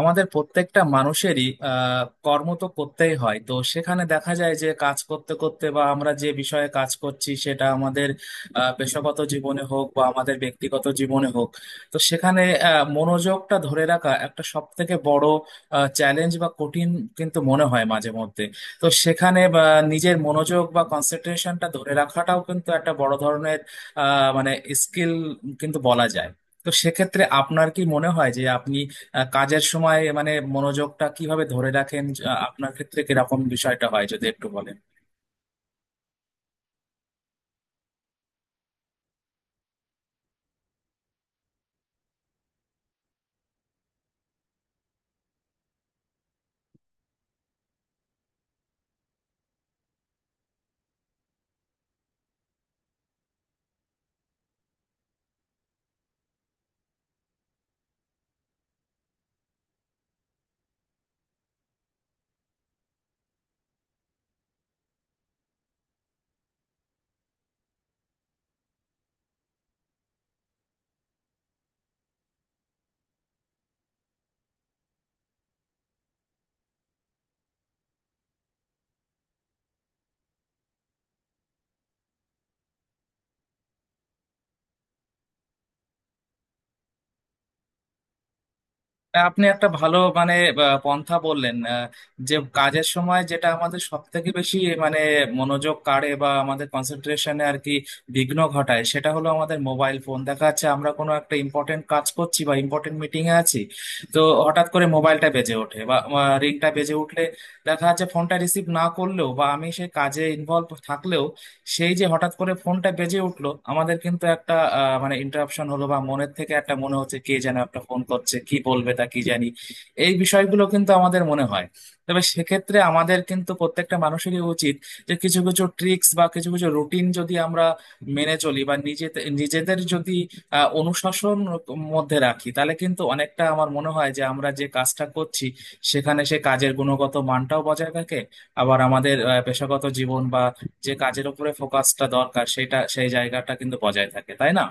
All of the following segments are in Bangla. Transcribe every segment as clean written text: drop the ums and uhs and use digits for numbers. আমাদের প্রত্যেকটা মানুষেরই কর্ম তো করতেই হয়, তো সেখানে দেখা যায় যে কাজ করতে করতে বা আমরা যে বিষয়ে কাজ করছি সেটা আমাদের পেশাগত জীবনে হোক বা আমাদের ব্যক্তিগত জীবনে হোক, তো সেখানে মনোযোগটা ধরে রাখা একটা সব থেকে বড় চ্যালেঞ্জ বা কঠিন কিন্তু মনে হয় মাঝে মধ্যে, তো সেখানে বা নিজের মনোযোগ বা কনসেন্ট্রেশনটা ধরে রাখাটাও কিন্তু একটা বড় ধরনের মানে স্কিল কিন্তু বলা যায়। তো সেক্ষেত্রে আপনার কি মনে হয় যে আপনি কাজের সময় মানে মনোযোগটা কিভাবে ধরে রাখেন, আপনার ক্ষেত্রে কিরকম বিষয়টা হয় যদি একটু বলেন। আপনি একটা ভালো মানে পন্থা বললেন। যে কাজের সময় যেটা আমাদের সব থেকে বেশি মানে মনোযোগ কাড়ে বা আমাদের কনসেন্ট্রেশনে আর কি বিঘ্ন ঘটায়, সেটা হলো আমাদের মোবাইল ফোন। দেখা যাচ্ছে আমরা কোনো একটা ইম্পর্টেন্ট কাজ করছি বা ইম্পর্টেন্ট মিটিং এ আছি, তো হঠাৎ করে মোবাইলটা বেজে ওঠে বা রিংটা বেজে উঠলে দেখা যাচ্ছে ফোনটা রিসিভ না করলেও বা আমি সেই কাজে ইনভলভ থাকলেও সেই যে হঠাৎ করে ফোনটা বেজে উঠলো আমাদের কিন্তু একটা মানে ইন্টারাপশন হলো বা মনের থেকে একটা মনে হচ্ছে কে যেন একটা ফোন করছে, কি বলবে তা কি জানি। এই বিষয়গুলো কিন্তু আমাদের মনে হয়। তবে সেক্ষেত্রে আমাদের কিন্তু প্রত্যেকটা মানুষেরই উচিত যে কিছু কিছু ট্রিক্স বা কিছু কিছু রুটিন যদি আমরা মেনে চলি বা নিজেদের নিজেদের যদি অনুশাসন মধ্যে রাখি তাহলে কিন্তু অনেকটা আমার মনে হয় যে আমরা যে কাজটা করছি সেখানে সে কাজের গুণগত মানটাও বজায় থাকে, আবার আমাদের পেশাগত জীবন বা যে কাজের উপরে ফোকাসটা দরকার সেটা সেই জায়গাটা কিন্তু বজায় থাকে, তাই না?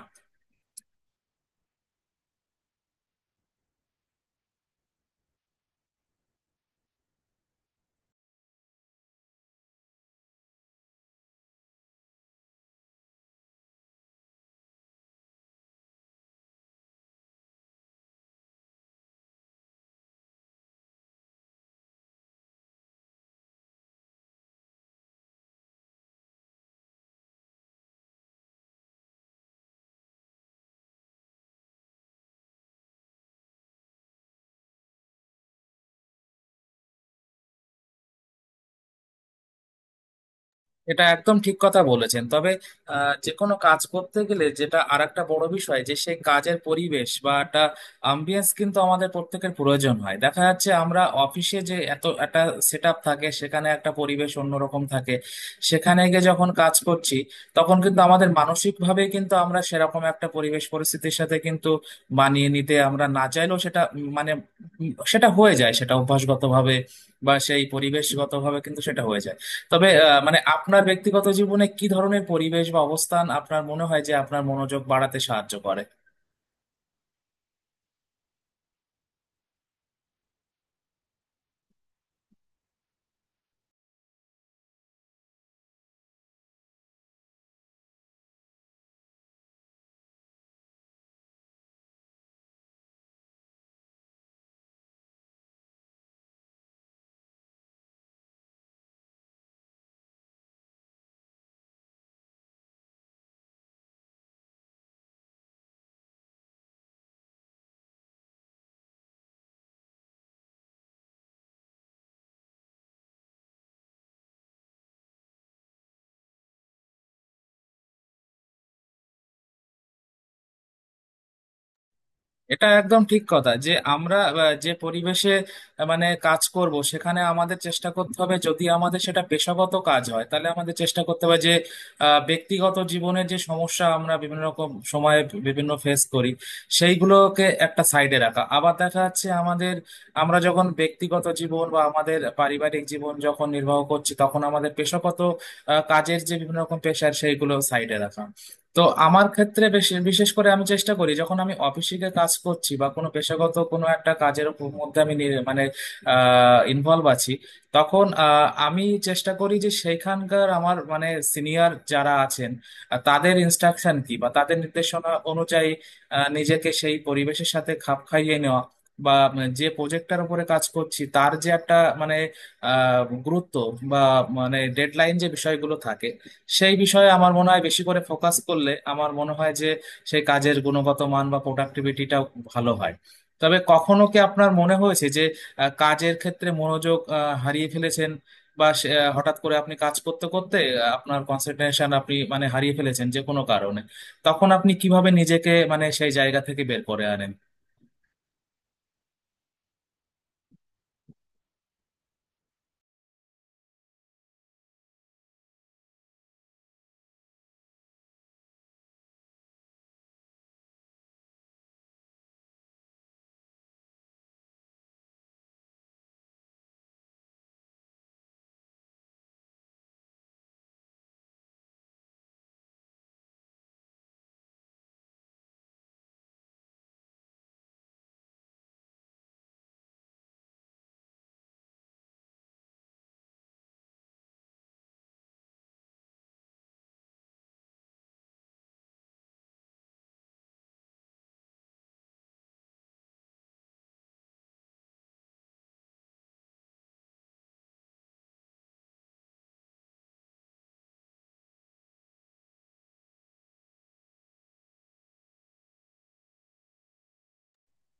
এটা একদম ঠিক কথা বলেছেন, তবে যে কোনো কাজ করতে গেলে যেটা আরেকটা বড় বিষয় যে সেই কাজের পরিবেশ বা একটা আম্বিয়েন্স কিন্তু আমাদের প্রত্যেকের প্রয়োজন হয়। দেখা যাচ্ছে আমরা অফিসে যে এত একটা সেট আপ থাকে সেখানে একটা পরিবেশ অন্যরকম থাকে, সেখানে গিয়ে যখন কাজ করছি তখন কিন্তু আমাদের মানসিক ভাবে কিন্তু আমরা সেরকম একটা পরিবেশ পরিস্থিতির সাথে কিন্তু মানিয়ে নিতে আমরা না চাইলেও সেটা মানে সেটা হয়ে যায়, সেটা অভ্যাসগত ভাবে বা সেই পরিবেশগত ভাবে কিন্তু সেটা হয়ে যায়। তবে মানে আপনার ব্যক্তিগত জীবনে কি ধরনের পরিবেশ বা অবস্থান আপনার মনে হয় যে আপনার মনোযোগ বাড়াতে সাহায্য করে? এটা একদম ঠিক কথা যে আমরা যে পরিবেশে মানে কাজ করব সেখানে আমাদের চেষ্টা করতে হবে, যদি আমাদের সেটা পেশাগত কাজ হয় তাহলে আমাদের চেষ্টা করতে হবে যে ব্যক্তিগত জীবনের যে সমস্যা আমরা বিভিন্ন রকম সময়ে বিভিন্ন ফেস করি সেইগুলোকে একটা সাইডে রাখা, আবার দেখা যাচ্ছে আমাদের আমরা যখন ব্যক্তিগত জীবন বা আমাদের পারিবারিক জীবন যখন নির্বাহ করছি তখন আমাদের পেশাগত কাজের যে বিভিন্ন রকম পেশার সেইগুলো সাইডে রাখা। তো আমার ক্ষেত্রে বিশেষ করে আমি চেষ্টা করি যখন আমি অফিসিকে কাজ করছি বা কোনো পেশাগত কোনো একটা কাজের মধ্যে আমি মানে ইনভলভ আছি তখন আমি চেষ্টা করি যে সেইখানকার আমার মানে সিনিয়র যারা আছেন তাদের ইনস্ট্রাকশন কি বা তাদের নির্দেশনা অনুযায়ী নিজেকে সেই পরিবেশের সাথে খাপ খাইয়ে নেওয়া বা যে প্রজেক্টটার উপরে কাজ করছি তার যে একটা মানে আহ, গুরুত্ব বা মানে ডেডলাইন যে বিষয়গুলো থাকে সেই বিষয়ে আমার মনে হয় বেশি করে ফোকাস করলে আমার মনে হয় যে সেই কাজের গুণগত মান বা প্রোডাক্টিভিটিটাও ভালো হয়। তবে কখনো কি আপনার মনে হয়েছে যে কাজের ক্ষেত্রে মনোযোগ হারিয়ে ফেলেছেন বা হঠাৎ করে আপনি কাজ করতে করতে আপনার কনসেন্ট্রেশন আপনি মানে হারিয়ে ফেলেছেন যে কোনো কারণে, তখন আপনি কিভাবে নিজেকে মানে সেই জায়গা থেকে বের করে আনেন?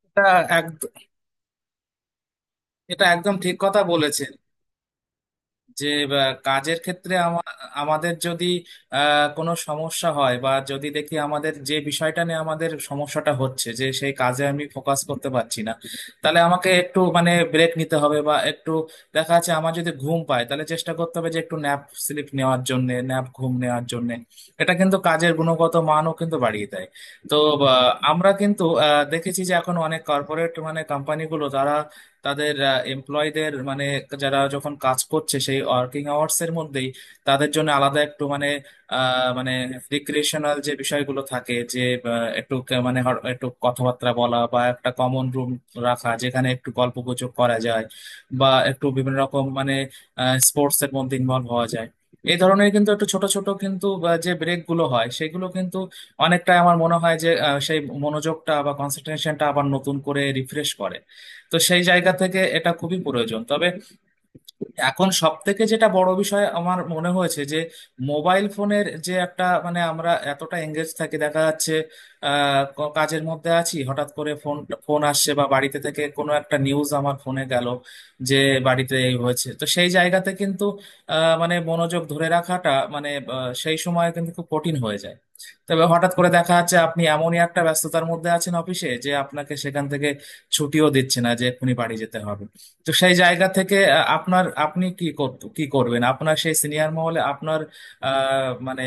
এটা এক এটা একদম ঠিক কথা বলেছেন যে কাজের ক্ষেত্রে আমাদের যদি কোনো সমস্যা হয় বা যদি দেখি আমাদের যে বিষয়টা নিয়ে আমাদের সমস্যাটা হচ্ছে যে সেই কাজে আমি ফোকাস করতে পারছি না, তাহলে আমাকে একটু মানে ব্রেক নিতে হবে বা একটু দেখা যাচ্ছে আমার যদি ঘুম পায় তাহলে চেষ্টা করতে হবে যে একটু ন্যাপ স্লিপ নেওয়ার জন্য, ন্যাপ ঘুম নেওয়ার জন্য। এটা কিন্তু কাজের গুণগত মানও কিন্তু বাড়িয়ে দেয়। তো আমরা কিন্তু দেখেছি যে এখন অনেক কর্পোরেট মানে কোম্পানিগুলো তারা তাদের এমপ্লয়ীদের মানে যারা যখন কাজ করছে সেই ওয়ার্কিং আওয়ার্স এর মধ্যেই তাদের জন্য আলাদা একটু মানে মানে রিক্রিয়েশনাল যে বিষয়গুলো থাকে যে একটু মানে একটু কথাবার্তা বলা বা একটা কমন রুম রাখা যেখানে একটু গল্পগুজব করা যায় বা একটু বিভিন্ন রকম মানে স্পোর্টস এর মধ্যে ইনভলভ হওয়া যায়। এই ধরনের কিন্তু একটু ছোট ছোট কিন্তু যে ব্রেক গুলো হয় সেগুলো কিন্তু অনেকটাই আমার মনে হয় যে সেই মনোযোগটা বা কনসেন্ট্রেশনটা আবার নতুন করে রিফ্রেশ করে। তো সেই জায়গা থেকে এটা খুবই প্রয়োজন। তবে এখন সব থেকে যেটা বড় বিষয় আমার মনে হয়েছে যে মোবাইল ফোনের যে একটা মানে আমরা এতটা এঙ্গেজ থাকি দেখা যাচ্ছে কাজের মধ্যে আছি হঠাৎ করে ফোন ফোন আসছে বা বাড়িতে থেকে কোনো একটা নিউজ আমার ফোনে গেল যে বাড়িতে এই হয়েছে, তো সেই জায়গাতে কিন্তু মানে মনোযোগ ধরে রাখাটা মানে সেই সময় কিন্তু খুব কঠিন হয়ে যায়। তবে হঠাৎ করে দেখা যাচ্ছে আপনি এমনই একটা ব্যস্ততার মধ্যে আছেন অফিসে যে আপনাকে সেখান থেকে ছুটিও দিচ্ছে না যে এক্ষুনি বাড়ি যেতে হবে, তো সেই জায়গা থেকে আপনার আপনি কি করবেন, আপনার সেই সিনিয়র মহলে আপনার মানে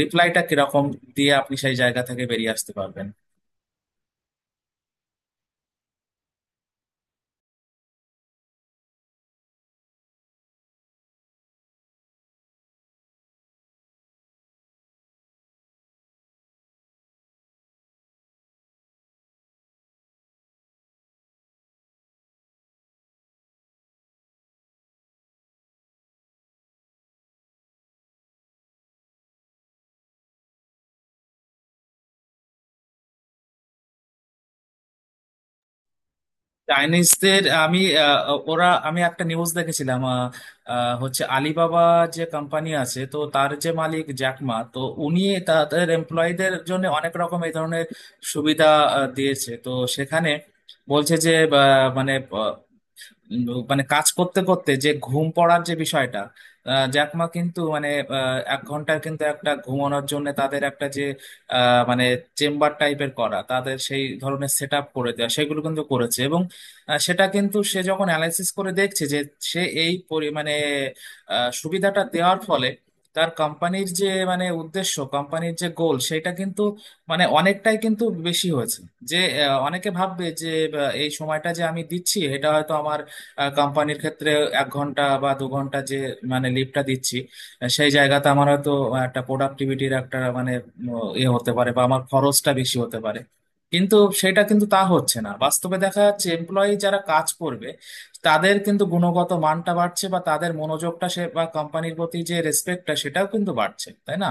রিপ্লাইটা কিরকম দিয়ে আপনি সেই জায়গা থেকে বেরিয়ে আসতে পারবেন? চাইনিজদের আমি আহ, ওরা আমি একটা নিউজ দেখেছিলাম, আহ, আহ, হচ্ছে আলিবাবা যে কোম্পানি আছে তো তার যে মালিক জ্যাকমা, তো উনি তাদের এমপ্লয়ীদের জন্য অনেক রকম এই ধরনের সুবিধা দিয়েছে। তো সেখানে বলছে যে মানে উম, মানে কাজ করতে করতে যে ঘুম পড়ার যে বিষয়টা, জ্যাকমা কিন্তু মানে 1 ঘন্টার কিন্তু একটা ঘুমানোর জন্য তাদের একটা যে মানে চেম্বার টাইপের করা, তাদের সেই ধরনের সেট আপ করে দেওয়া সেগুলো কিন্তু করেছে। এবং সেটা কিন্তু সে যখন অ্যানালাইসিস করে দেখছে যে সে এই মানে সুবিধাটা দেওয়ার ফলে তার কোম্পানির যে মানে উদ্দেশ্য কোম্পানির যে গোল সেটা কিন্তু মানে অনেকটাই কিন্তু বেশি হয়েছে। যে অনেকে ভাববে যে এই সময়টা যে আমি দিচ্ছি এটা হয়তো আমার কোম্পানির ক্ষেত্রে 1 ঘন্টা বা 2 ঘন্টা যে মানে লিভটা দিচ্ছি, সেই জায়গাতে আমার হয়তো একটা প্রোডাক্টিভিটির একটা মানে ইয়ে হতে পারে বা আমার খরচটা বেশি হতে পারে, কিন্তু সেটা কিন্তু তা হচ্ছে না। বাস্তবে দেখা যাচ্ছে এমপ্লয়ি যারা কাজ করবে তাদের কিন্তু গুণগত মানটা বাড়ছে বা তাদের মনোযোগটা সে বা কোম্পানির প্রতি যে রেসপেক্টটা সেটাও কিন্তু বাড়ছে, তাই না?